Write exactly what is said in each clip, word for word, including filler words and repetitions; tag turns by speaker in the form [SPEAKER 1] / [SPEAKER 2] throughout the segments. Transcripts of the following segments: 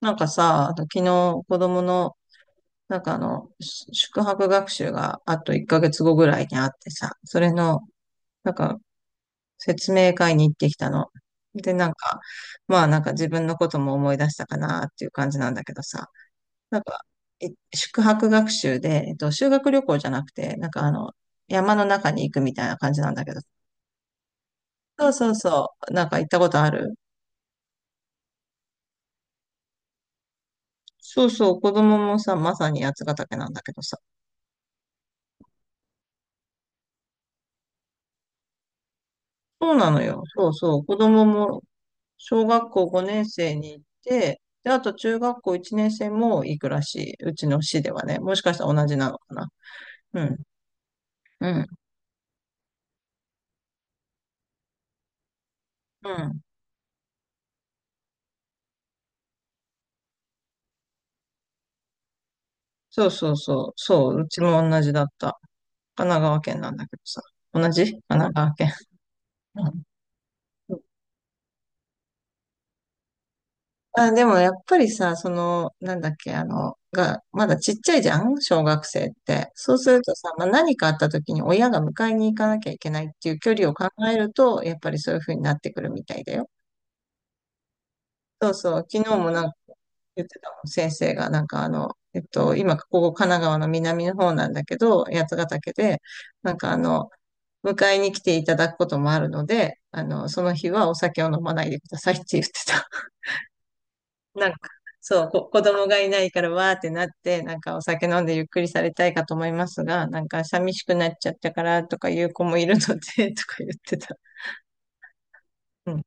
[SPEAKER 1] なんかさ、あと昨日子供の、なんかあの、し宿泊学習があといっかげつごぐらいにあってさ、それの、なんか説明会に行ってきたの。で、なんか、まあなんか自分のことも思い出したかなっていう感じなんだけどさ、なんか、い宿泊学習で、えっと、修学旅行じゃなくて、なんかあの、山の中に行くみたいな感じなんだけど、そうそうそう、なんか行ったことある。そうそう、子供もさ、まさに八ヶ岳なんだけどさ、そうなのよ。そうそう。子供も小学校ごねん生に行って、で、あと中学校いちねん生も行くらしい。うちの市ではね。もしかしたら同じなのかな。うん。うん。うん。そうそうそう。そう。うちも同じだった。神奈川県なんだけどさ。同じ神奈川県。うん。あ、でもやっぱりさ、その、なんだっけ、あの、が、まだちっちゃいじゃん小学生って。そうするとさ、まあ、何かあった時に親が迎えに行かなきゃいけないっていう距離を考えると、やっぱりそういう風になってくるみたいだよ。そうそう、昨日もなんか言ってたもん、先生が、なんかあの、えっと、今、ここ神奈川の南の方なんだけど、八ヶ岳で、なんかあの、迎えに来ていただくこともあるので、あの、その日はお酒を飲まないでくださいって言ってた。なんか、そう、こ、子供がいないからわーってなって、なんかお酒飲んでゆっくりされたいかと思いますが、なんか寂しくなっちゃったからとかいう子もいるので、とか言ってた。うん。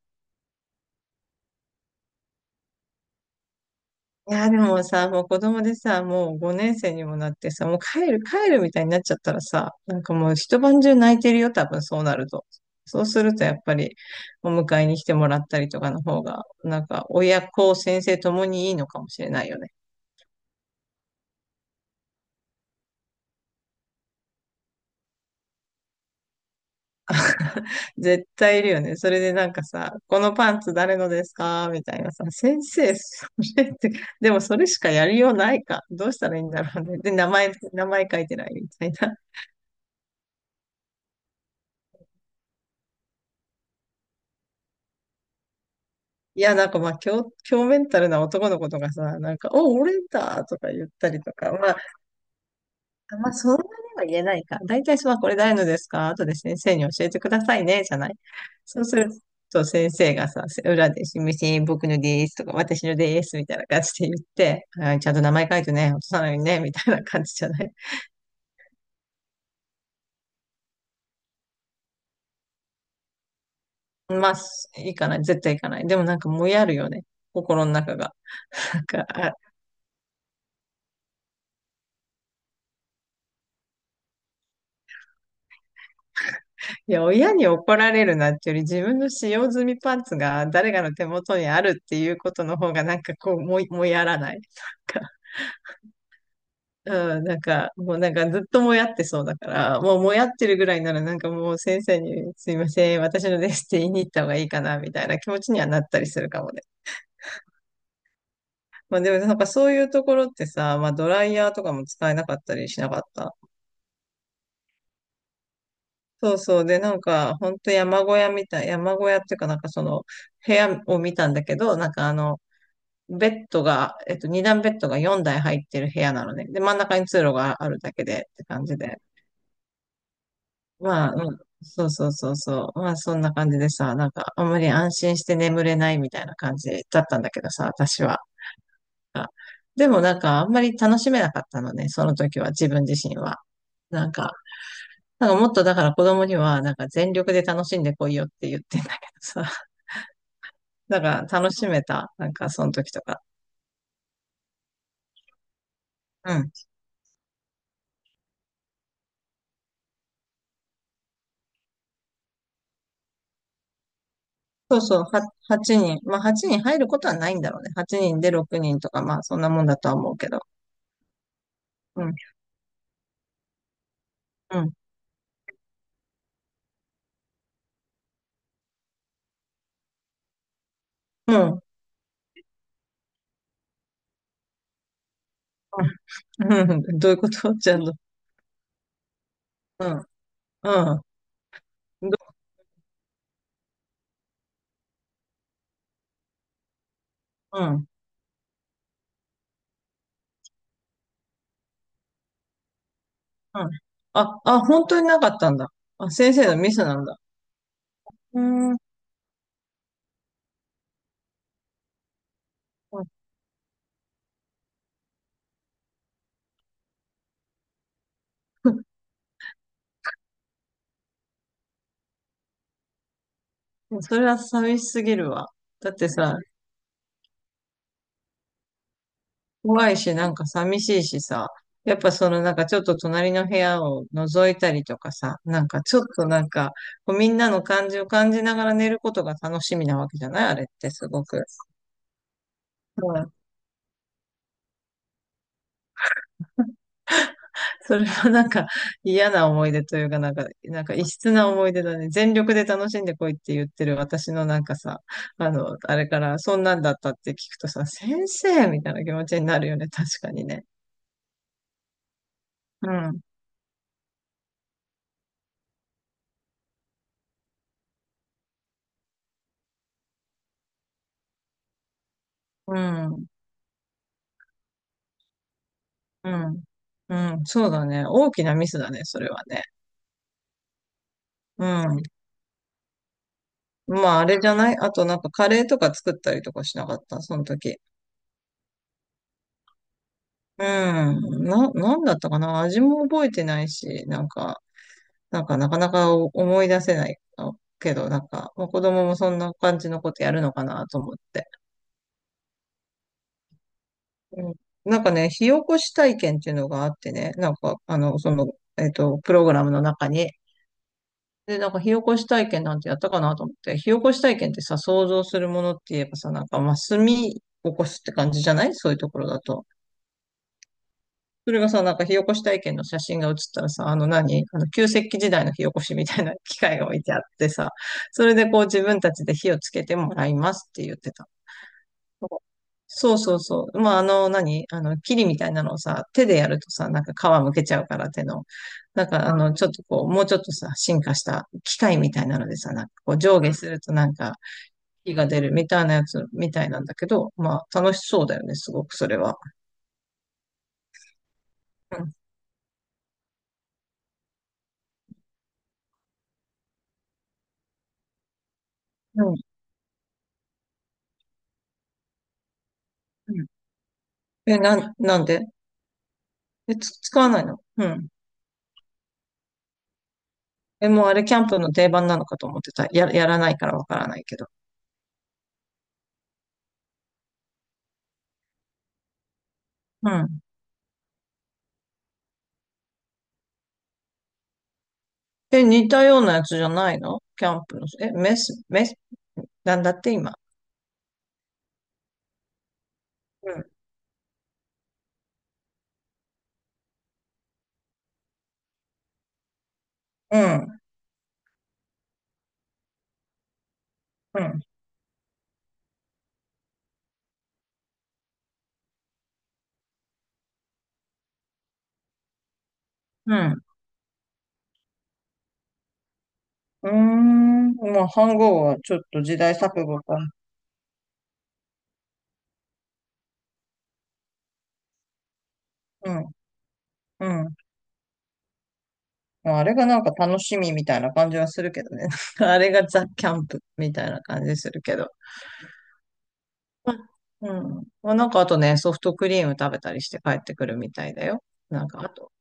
[SPEAKER 1] いや、でもさ、もう子供でさ、もうごねん生にもなってさ、もう帰る、帰るみたいになっちゃったらさ、なんかもう一晩中泣いてるよ、多分そうなると。そうするとやっぱり、お迎えに来てもらったりとかの方が、なんか親子、先生ともにいいのかもしれないよね。絶対いるよね。それでなんかさ、このパンツ誰のですかみたいなさ、先生、それって、でもそれしかやりようないか。どうしたらいいんだろうね。で、名前、名前書いてないみたいな。いや、なんかまあ、強、強メンタルな男の子とかさ、なんか、お、俺だとか言ったりとか、まあ、まあ、そんなには言えないか。大体、まあ、これ誰のですか後で先生に教えてくださいね、じゃない。そうすると、先生がさ、裏で、すみません、僕のですとか、私のです、みたいな感じで言って、はい、ちゃんと名前書いてね、落とさないようにね、みたいな感じじゃない。まあ、いいかない、絶対いかない。でもなんか、もやるよね。心の中が。なんか、あいや、親に怒られるなってより自分の使用済みパンツが誰かの手元にあるっていうことの方がなんかこう、ももやらない。なんか、うん、なんか、もうなんかずっともやってそうだから、もうもやってるぐらいならなんかもう先生にすいません、私のですって言いに行った方がいいかなみたいな気持ちにはなったりするかもね。まあでもなんかそういうところってさ、まあドライヤーとかも使えなかったりしなかった？そうそう。で、なんか、ほんと山小屋みたい、山小屋っていうかなんかその、部屋を見たんだけど、なんかあの、ベッドが、えっと、二段ベッドがよんだい入ってる部屋なのね。で、真ん中に通路があるだけでって感じで。まあ、うん、そうそうそうそう。まあ、そんな感じでさ、なんか、あんまり安心して眠れないみたいな感じだったんだけどさ、私は。あ、でもなんか、あんまり楽しめなかったのね、その時は、自分自身は。なんか、なんかもっとだから子供には、なんか全力で楽しんでこいよって言ってんだけどさ、だから楽しめた、なんかその時とか。うん。そうそう、は、はちにん。まあ、はちにん入ることはないんだろうね。はちにんでろくにんとか、まあ、そんなもんだとは思うけど。うん、うん、うん、うん、うん、どういうことちゃんと。うん、うん、どうん、うん。あ、あ、本当になかったんだ。あ、先生のミスなんだ。うーん、うん。 それは寂しすぎるわ。だってさ、怖いし、なんか寂しいしさ、やっぱそのなんかちょっと隣の部屋を覗いたりとかさ、なんかちょっとなんか、こうみんなの感じを感じながら寝ることが楽しみなわけじゃないあれってすごく。うん。それはなんか嫌な思い出というか、なんか、なんか異質な思い出だね。全力で楽しんでこいって言ってる私のなんかさ、あの、あれからそんなんだったって聞くとさ、先生みたいな気持ちになるよね。確かにね。うん。うん。うん。うん。そうだね。大きなミスだね、それはね。うん。まあ、あれじゃないあと、なんかカレーとか作ったりとかしなかった、その時。うん。な、なんだったかな、味も覚えてないし、なんか、なんかなかなか思い出せないけど、なんか、まあ、子供もそんな感じのことやるのかなと思って。うん。なんかね、火起こし体験っていうのがあってね、なんか、あの、その、えっと、プログラムの中に、で、なんか火起こし体験なんてやったかなと思って、火起こし体験ってさ、想像するものって言えばさ、なんかまあ炭起こすって感じじゃないそういうところだと。それがさ、なんか火起こし体験の写真が写ったらさ、あの何あの旧石器時代の火起こしみたいな機械が置いてあってさ、それでこう自分たちで火をつけてもらいますって言ってた。そうそうそうそう。まあ、あの、何あの、キリみたいなのをさ、手でやるとさ、なんか皮むけちゃうから手の。なんか、あの、ちょっとこう、もうちょっとさ、進化した機械みたいなのでさ、なんかこう、上下するとなんか、火が出るみたいなやつみたいなんだけど、まあ、楽しそうだよね、すごくそれは。うん。うん。うん。え、なん、なんでえ、つ、使わないの？うん。え、もうあれ、キャンプの定番なのかと思ってた。や、やらないからわからないけど。うん。え、似たようなやつじゃないのキャンプの。え、メス、メス、なんだって今。うん。うん。うん。うん。うーん。まあ、飯盒はちょっと時代錯誤か。うん。うん。まあ、あれがなんか楽しみみたいな感じはするけどね。あれがザ・キャンプみたいな感じするけど。まあ、うん。まあ、なんかあとね、ソフトクリーム食べたりして帰ってくるみたいだよ。なんかあと、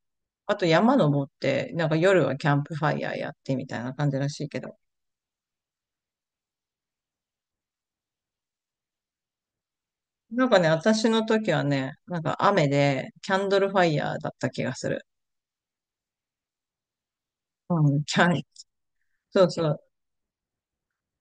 [SPEAKER 1] あと山登って、なんか夜はキャンプファイヤーやってみたいな感じらしいけど。なんかね、私の時はね、なんか雨で、キャンドルファイヤーだった気がする。うん、キャン、そうそう、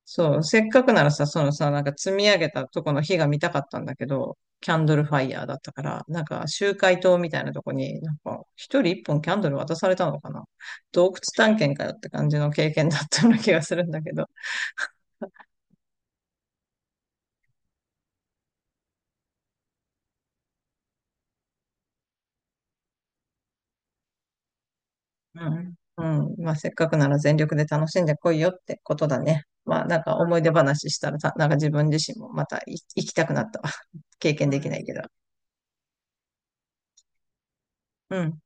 [SPEAKER 1] そう、せっかくならさ、そのさ、なんか積み上げたとこの火が見たかったんだけど、キャンドルファイヤーだったから、なんか集会棟みたいなとこに、なんかひとりいっぽんキャンドル渡されたのかな。洞窟探検かよって感じの経験だったような気がするんだけど。うん。うん。まあ、せっかくなら全力で楽しんでこいよってことだね。まあ、なんか思い出話したらさ、なんか自分自身もまたい行きたくなった。経験できないけど。うん。